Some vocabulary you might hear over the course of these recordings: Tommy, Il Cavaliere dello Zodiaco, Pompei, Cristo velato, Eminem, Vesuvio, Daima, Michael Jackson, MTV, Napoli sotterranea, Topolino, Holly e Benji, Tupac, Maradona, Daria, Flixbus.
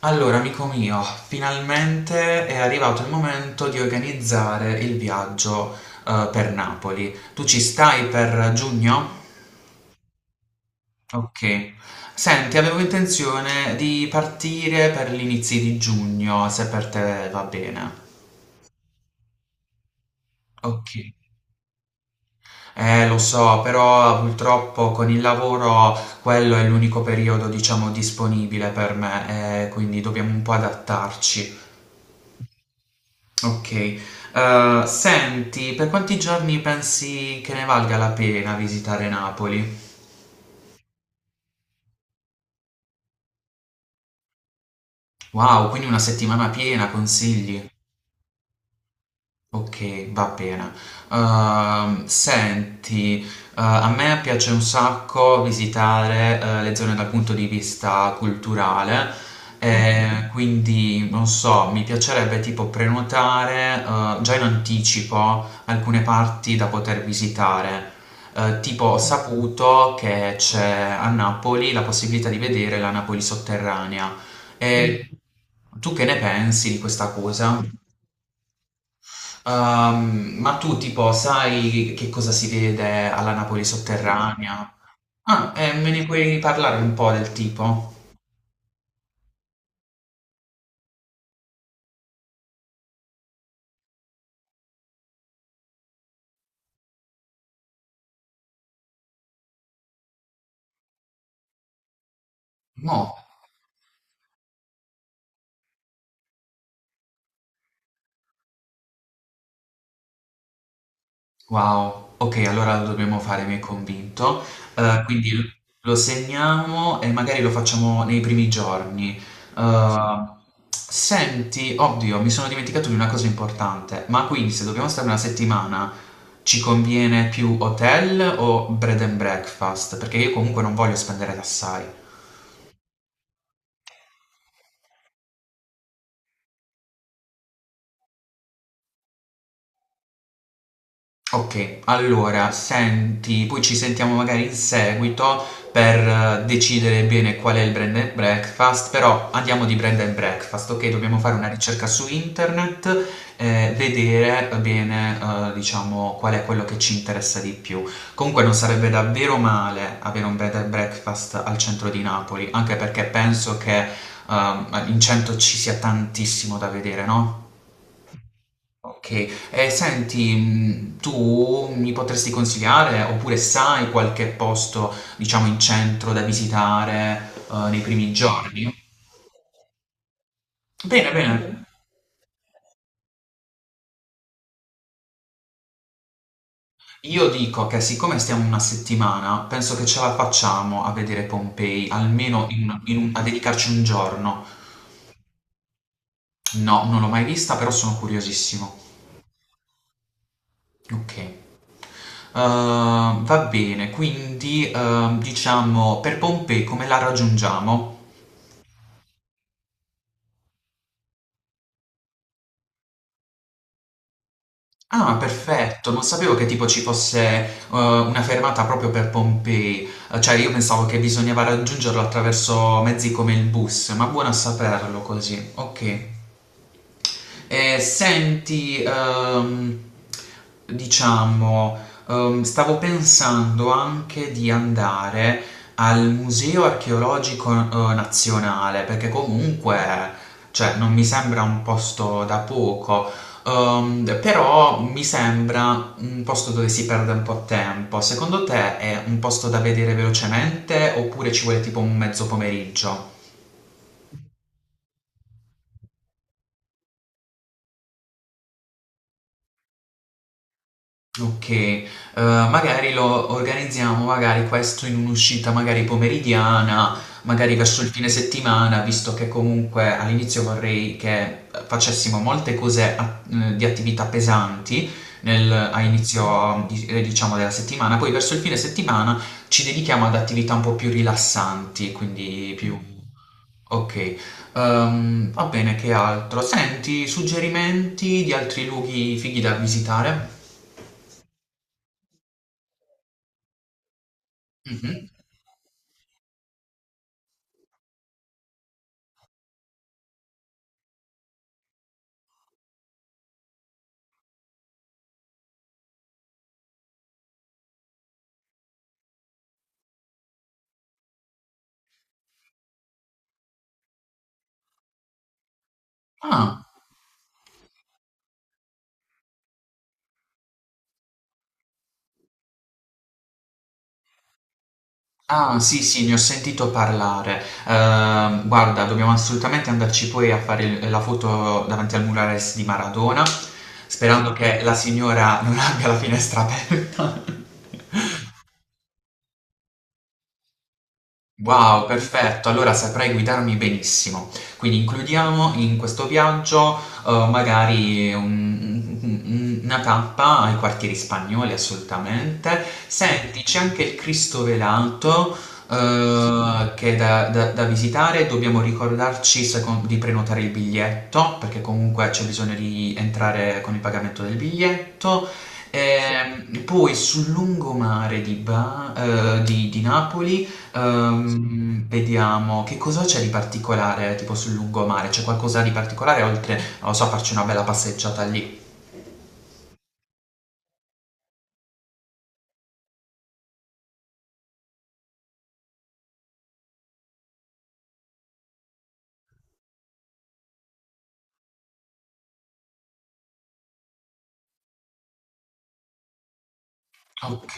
Allora, amico mio, finalmente è arrivato il momento di organizzare il viaggio, per Napoli. Tu ci stai per giugno? Ok. Senti, avevo intenzione di partire per gli inizi di giugno, se per te va bene. Ok. Lo so, però purtroppo con il lavoro quello è l'unico periodo, diciamo, disponibile per me, quindi dobbiamo un po' adattarci. Okay. Senti, per quanti giorni pensi che ne valga la pena visitare Napoli? Wow, quindi una settimana piena, consigli? Ok, va bene. Senti, a me piace un sacco visitare, le zone dal punto di vista culturale. Mhm. Quindi non so, mi piacerebbe tipo prenotare, già in anticipo alcune parti da poter visitare. Tipo, ho saputo che c'è a Napoli la possibilità di vedere la Napoli sotterranea. Mm. E tu che ne pensi di questa cosa? Ma tu tipo sai che cosa si vede alla Napoli sotterranea? Ah, me ne puoi parlare un po' del tipo? No. Wow. Ok, allora lo dobbiamo fare, mi hai convinto. Quindi lo segniamo e magari lo facciamo nei primi giorni. Eh, Senti, oddio, mi sono dimenticato di una cosa importante. Ma quindi se dobbiamo stare una settimana, ci conviene più hotel o bread and breakfast? Perché io comunque non voglio spendere assai. Okay, allora senti poi ci sentiamo magari in seguito per decidere bene qual è il Brand and Breakfast, però andiamo di Brand and Breakfast, okay, dobbiamo fare una ricerca su internet, vedere bene, diciamo qual è quello che ci interessa di più. Comunque non sarebbe davvero male avere un Bed and Breakfast al centro di Napoli, anche perché penso che, in centro ci sia tantissimo da vedere, no? Ok, e senti, tu mi potresti consigliare oppure sai qualche posto, diciamo, in centro da visitare nei primi giorni? Bene. Mhm. Bene. Io dico che siccome stiamo una settimana, penso che ce la facciamo a vedere Pompei, almeno a dedicarci un giorno. No, non l'ho mai vista, però sono curiosissimo. Ok. Va bene, quindi diciamo per Pompei come la raggiungiamo? Ah, perfetto, non sapevo che tipo ci fosse una fermata proprio per Pompei. Cioè io pensavo che bisognava raggiungerlo attraverso mezzi come il bus, ma buono a saperlo così, ok. Senti, diciamo, stavo pensando anche di andare al Museo Archeologico Nazionale, perché comunque, cioè, non mi sembra un posto da poco, però mi sembra un posto dove si perde un po' tempo. Secondo te è un posto da vedere velocemente oppure ci vuole tipo un mezzo pomeriggio? Okay, magari lo organizziamo magari questo in un'uscita magari pomeridiana, magari verso il fine settimana, visto che comunque all'inizio vorrei che, facessimo molte cose a di attività pesanti nel a inizio di diciamo della settimana, poi verso il fine settimana ci dedichiamo ad attività un po' più rilassanti, quindi più okay. Va bene, che altro? Senti, suggerimenti di altri luoghi fighi da visitare? Mh-mh. Ah. Ah, sì, sì, ne ho sentito parlare. Guarda, dobbiamo assolutamente andarci poi a fare la foto davanti al murales di Maradona, sperando che la signora non abbia la finestra aperta. Wow, perfetto, allora saprai guidarmi benissimo. Quindi includiamo in questo viaggio, magari una tappa ai quartieri spagnoli, assolutamente. Senti, c'è anche il Cristo velato, che è da visitare. Dobbiamo ricordarci di prenotare il biglietto, perché comunque c'è bisogno di entrare con il pagamento del biglietto. Sì. Poi sul lungomare di, Ba- di Napoli. Vediamo, che cosa c'è di particolare tipo sul lungomare? C'è qualcosa di particolare oltre, non lo so, a farci una bella passeggiata lì? Ok.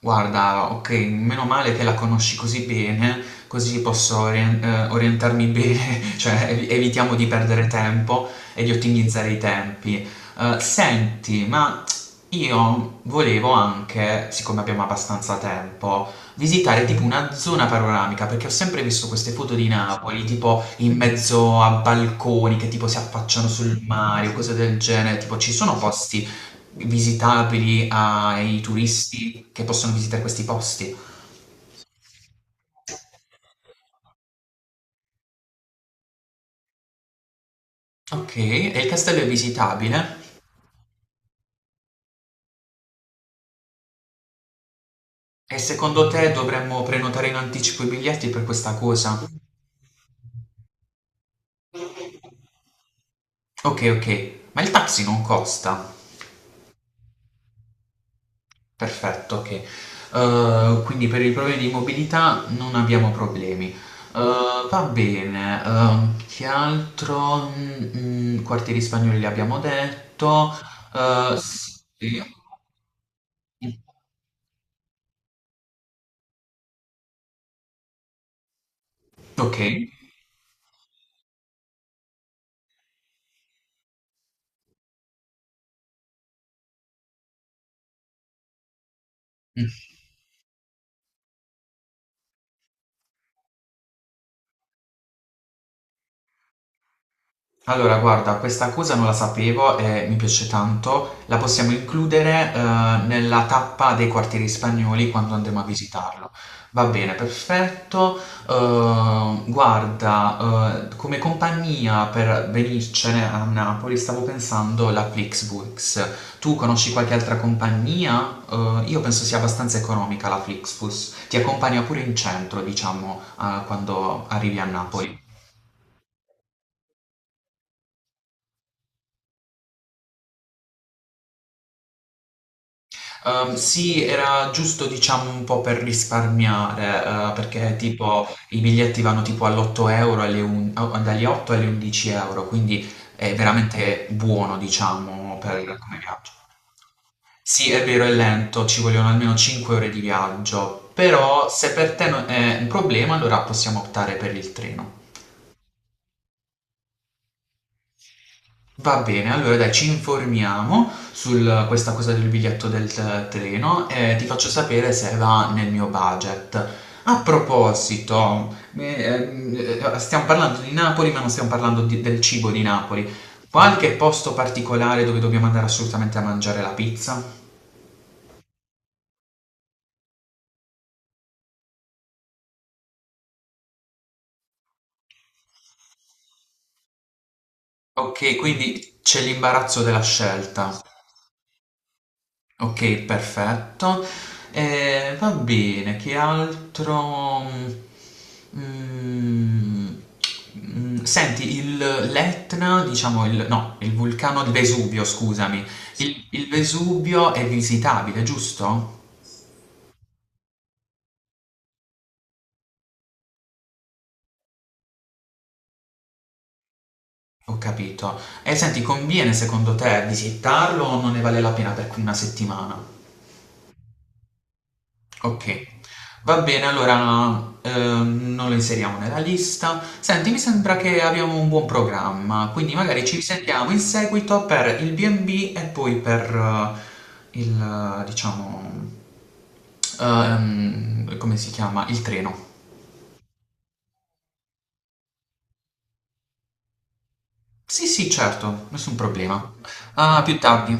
Guarda, ok, meno male che la conosci così bene, così posso orientarmi bene, cioè evitiamo di perdere tempo e di ottimizzare i tempi. Senti, ma io volevo anche, siccome abbiamo abbastanza tempo, visitare tipo una zona panoramica, perché ho sempre visto queste foto di Napoli, tipo in mezzo a balconi che tipo si affacciano sul mare o cose del genere, tipo ci sono posti visitabili ai turisti che possono visitare questi posti. Ok, e il castello è visitabile? E secondo te dovremmo prenotare in anticipo i biglietti per questa cosa? Ok, ok, ma il taxi non costa. Perfetto, ok. Quindi per i problemi di mobilità non abbiamo problemi. Va bene, che altro? Quartieri spagnoli li abbiamo detto. Eh, sì. Ok. Mm. Allora, guarda, questa cosa non la sapevo e mi piace tanto. La possiamo includere, nella tappa dei quartieri spagnoli quando andremo a visitarlo. Va bene, perfetto. Guarda, come compagnia per venircene a Napoli stavo pensando la Flixbus. Tu conosci qualche altra compagnia? Io penso sia abbastanza economica la Flixbus. Ti accompagna pure in centro, diciamo, quando arrivi a Napoli. Sì, era giusto diciamo un po' per risparmiare, perché tipo i biglietti vanno tipo all'8 euro, dagli 8 alle 11 euro, quindi è veramente buono diciamo per come viaggio. Sì, è vero, è lento, ci vogliono almeno 5 ore di viaggio, però se per te non è un problema allora possiamo optare per il treno. Va bene, allora dai, ci informiamo su questa cosa del biglietto del treno e ti faccio sapere se va nel mio budget. A proposito, stiamo parlando di Napoli, ma non stiamo parlando del cibo di Napoli. Qualche posto particolare dove dobbiamo andare assolutamente a mangiare la pizza? Ok, quindi c'è l'imbarazzo della scelta. Ok, perfetto. Va bene, che altro? Mm, Senti, il l'Etna, diciamo, il, no, il vulcano del Vesuvio, scusami. Sì. Il Vesuvio è visitabile, giusto? Ho capito. E senti, conviene secondo te visitarlo o non ne vale la pena per una settimana? Ok, va bene, allora non lo inseriamo nella lista. Senti, mi sembra che abbiamo un buon programma, quindi magari ci sentiamo in seguito per il B&B e B e poi per, diciamo, come si chiama? Il treno. Sì, sì, certo, nessun problema. A più tardi.